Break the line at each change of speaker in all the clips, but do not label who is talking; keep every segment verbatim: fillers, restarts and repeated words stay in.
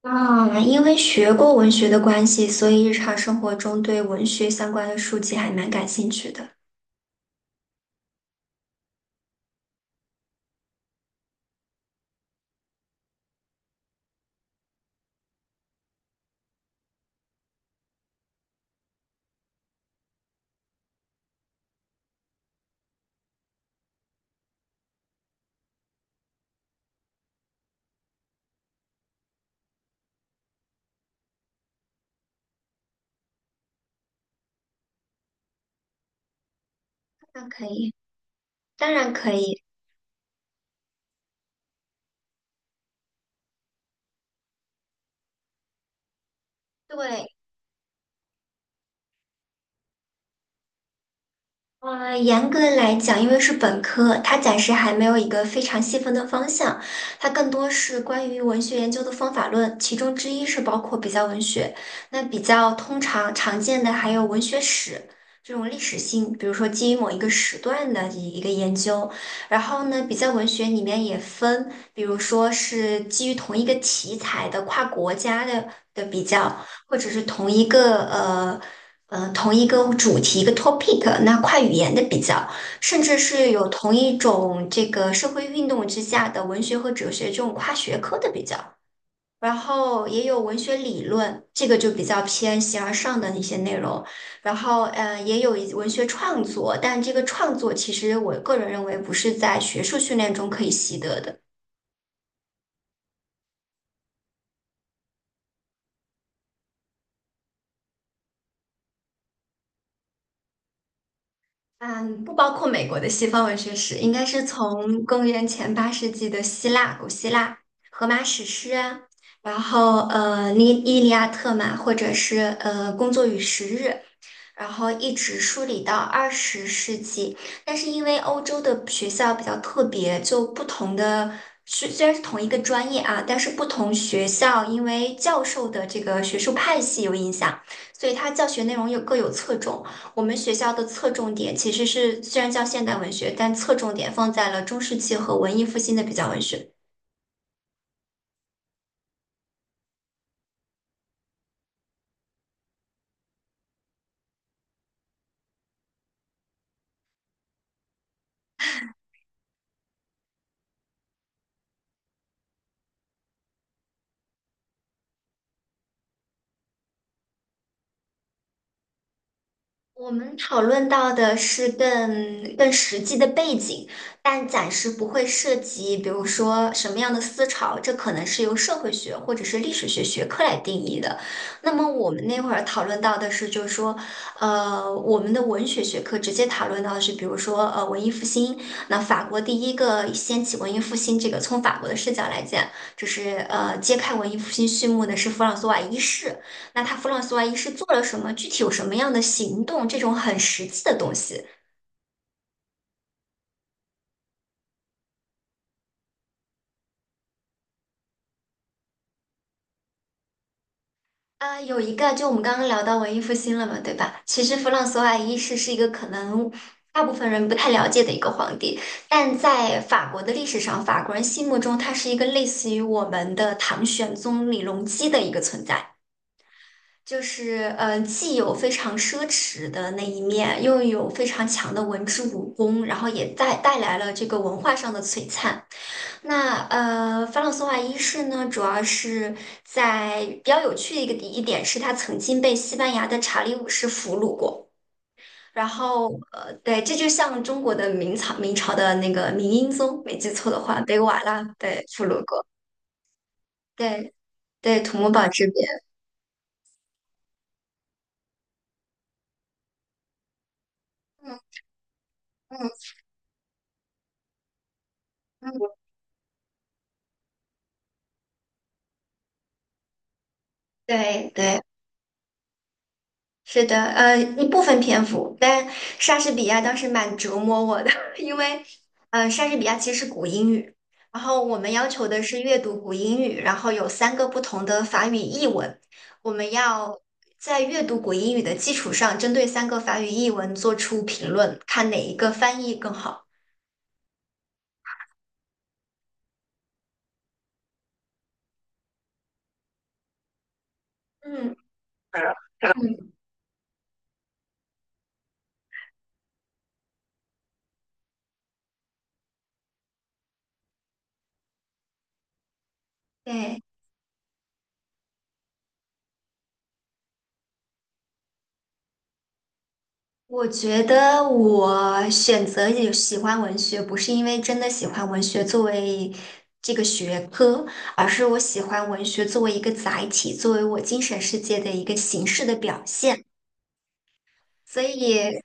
啊，因为学过文学的关系，所以日常生活中对文学相关的书籍还蛮感兴趣的。那可以，当然可以。对。呃，严格来讲，因为是本科，它暂时还没有一个非常细分的方向，它更多是关于文学研究的方法论，其中之一是包括比较文学。那比较通常常见的还有文学史这种历史性，比如说基于某一个时段的一个研究。然后呢，比较文学里面也分，比如说是基于同一个题材的跨国家的的比较，或者是同一个呃。呃，同一个主题、一个 topic，那跨语言的比较，甚至是有同一种这个社会运动之下的文学和哲学这种跨学科的比较，然后也有文学理论，这个就比较偏形而上的一些内容，然后呃，也有一文学创作，但这个创作其实我个人认为不是在学术训练中可以习得的。嗯，不包括美国的西方文学史，应该是从公元前八世纪的希腊、古希腊、荷马史诗啊。然后呃《伊伊利亚特》嘛，或者是呃《工作与时日》。然后一直梳理到二十世纪。但是因为欧洲的学校比较特别，就不同的，虽虽然是同一个专业啊，但是不同学校因为教授的这个学术派系有影响，所以它教学内容又各有侧重。我们学校的侧重点其实是虽然叫现代文学，但侧重点放在了中世纪和文艺复兴的比较文学。我们讨论到的是更更实际的背景，但暂时不会涉及，比如说什么样的思潮，这可能是由社会学或者是历史学学科来定义的。那么我们那会儿讨论到的是，就是说，呃，我们的文学学科直接讨论到的是，比如说，呃，文艺复兴。那法国第一个掀起文艺复兴这个，从法国的视角来讲，就是呃，揭开文艺复兴序幕的是弗朗索瓦一世。那他弗朗索瓦一世做了什么？具体有什么样的行动？这种很实际的东西。啊、有一个，就我们刚刚聊到文艺复兴了嘛，对吧？其实弗朗索瓦一世是一个可能大部分人不太了解的一个皇帝，但在法国的历史上，法国人心目中他是一个类似于我们的唐玄宗李隆基的一个存在。就是呃，既有非常奢侈的那一面，又有非常强的文治武功，然后也带带来了这个文化上的璀璨。那呃，法朗索瓦一世呢，主要是在比较有趣的一个一点是，他曾经被西班牙的查理五世俘虏过。然后呃，对，这就像中国的明朝明朝的那个明英宗，没记错的话，被瓦剌对俘虏过。对对，土木堡之变，嗯嗯，对对。是的，呃，一部分篇幅，但莎士比亚当时蛮折磨我的，因为，呃，莎士比亚其实是古英语，然后我们要求的是阅读古英语，然后有三个不同的法语译文，我们要在阅读古英语的基础上，针对三个法语译文做出评论，看哪一个翻译更好。嗯嗯，对。我觉得我选择也喜欢文学，不是因为真的喜欢文学作为这个学科，而是我喜欢文学作为一个载体，作为我精神世界的一个形式的表现。所以，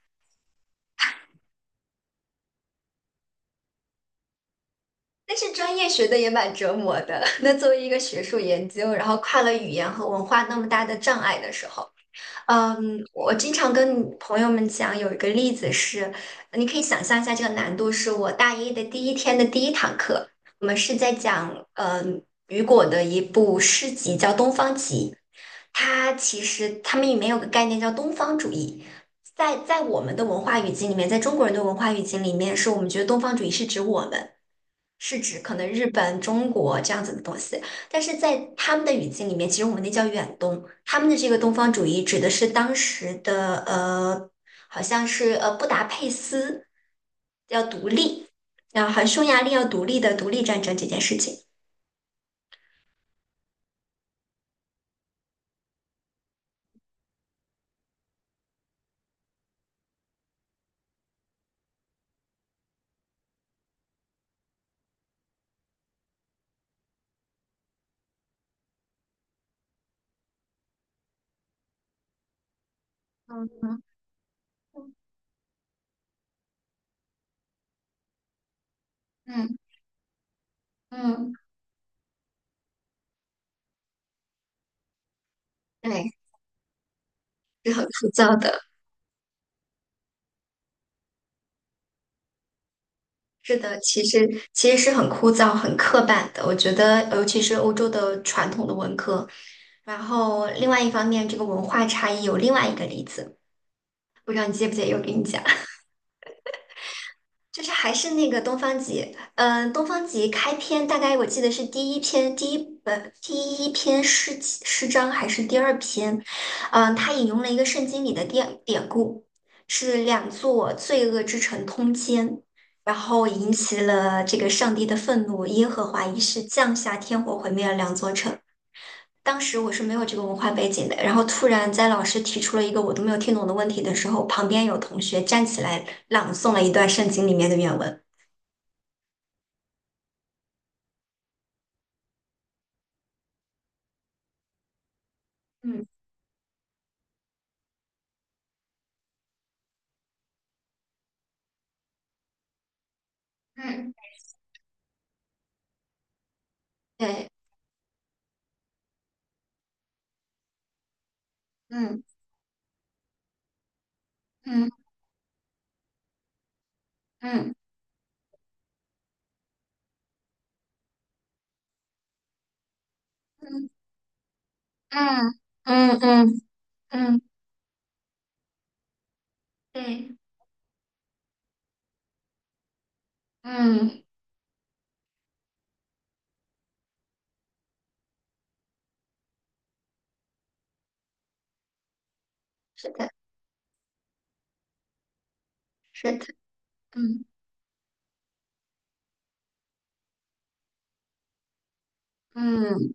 但是专业学的也蛮折磨的。那作为一个学术研究，然后跨了语言和文化那么大的障碍的时候。嗯，我经常跟朋友们讲，有一个例子是，你可以想象一下这个难度，是我大一的第一天的第一堂课，我们是在讲，嗯，雨果的一部诗集叫《东方集》，它其实他们里面有个概念叫东方主义，在在我们的文化语境里面，在中国人的文化语境里面，是我们觉得东方主义是指我们。是指可能日本、中国这样子的东西，但是在他们的语境里面，其实我们那叫远东，他们的这个东方主义指的是当时的呃，好像是呃布达佩斯要独立，然后好像匈牙利要独立的独立战争这件事情。嗯嗯嗯，对，是很枯燥的。是的，其实其实是很枯燥、很刻板的。我觉得，尤其是欧洲的传统的文科。然后，另外一方面，这个文化差异有另外一个例子。不知道你介不介意我给你讲。就是还是那个东方极，嗯、东方极开篇大概我记得是第一篇，第一本第一篇诗集诗章还是第二篇，嗯、他引用了一个圣经里的典典故，是两座罪恶之城通奸，然后引起了这个上帝的愤怒，耶和华一世降下天火毁灭了两座城，当时我是没有这个文化背景的，然后突然在老师提出了一个我都没有听懂的问题的时候，旁边有同学站起来朗诵了一段圣经里面的原文。嗯嗯对，嗯嗯嗯嗯嗯嗯嗯嗯，对，嗯，是的，是的。嗯嗯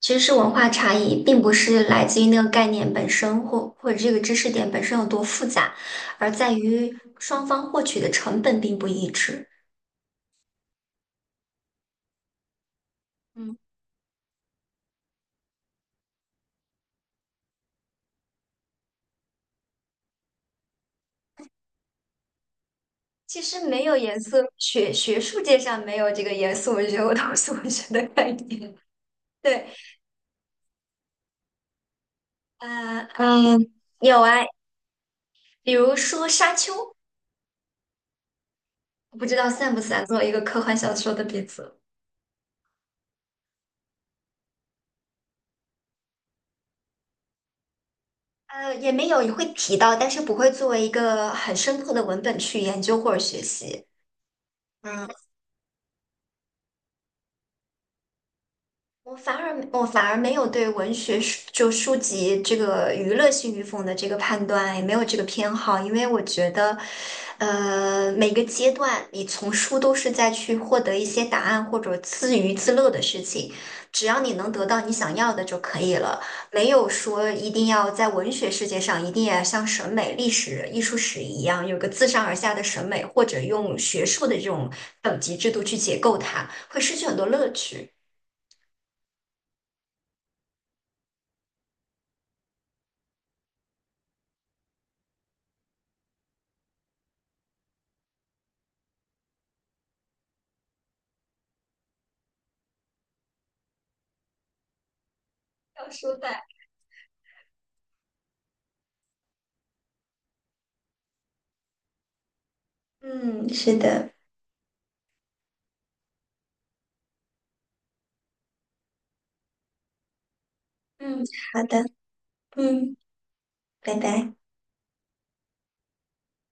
其实是文化差异，并不是来自于那个概念本身或或者这个知识点本身有多复杂，而在于双方获取的成本并不一致。嗯。其实没有颜色学学术界上没有这个严肃文学和通俗文学的概念。对。呃嗯，有啊，比如说《沙丘》，不知道算不算作为一个科幻小说的鼻祖。呃，也没有也会提到，但是不会作为一个很深刻的文本去研究或者学习。嗯。我反而我反而没有对文学书就书籍这个娱乐性与否的这个判断，也没有这个偏好，因为我觉得，呃，每个阶段你从书都是在去获得一些答案或者自娱自乐的事情，只要你能得到你想要的就可以了，没有说一定要在文学世界上一定要像审美、历史、艺术史一样有个自上而下的审美，或者用学术的这种等级制度去解构它，会失去很多乐趣。要说嗯，是的，嗯，好的，嗯，拜拜。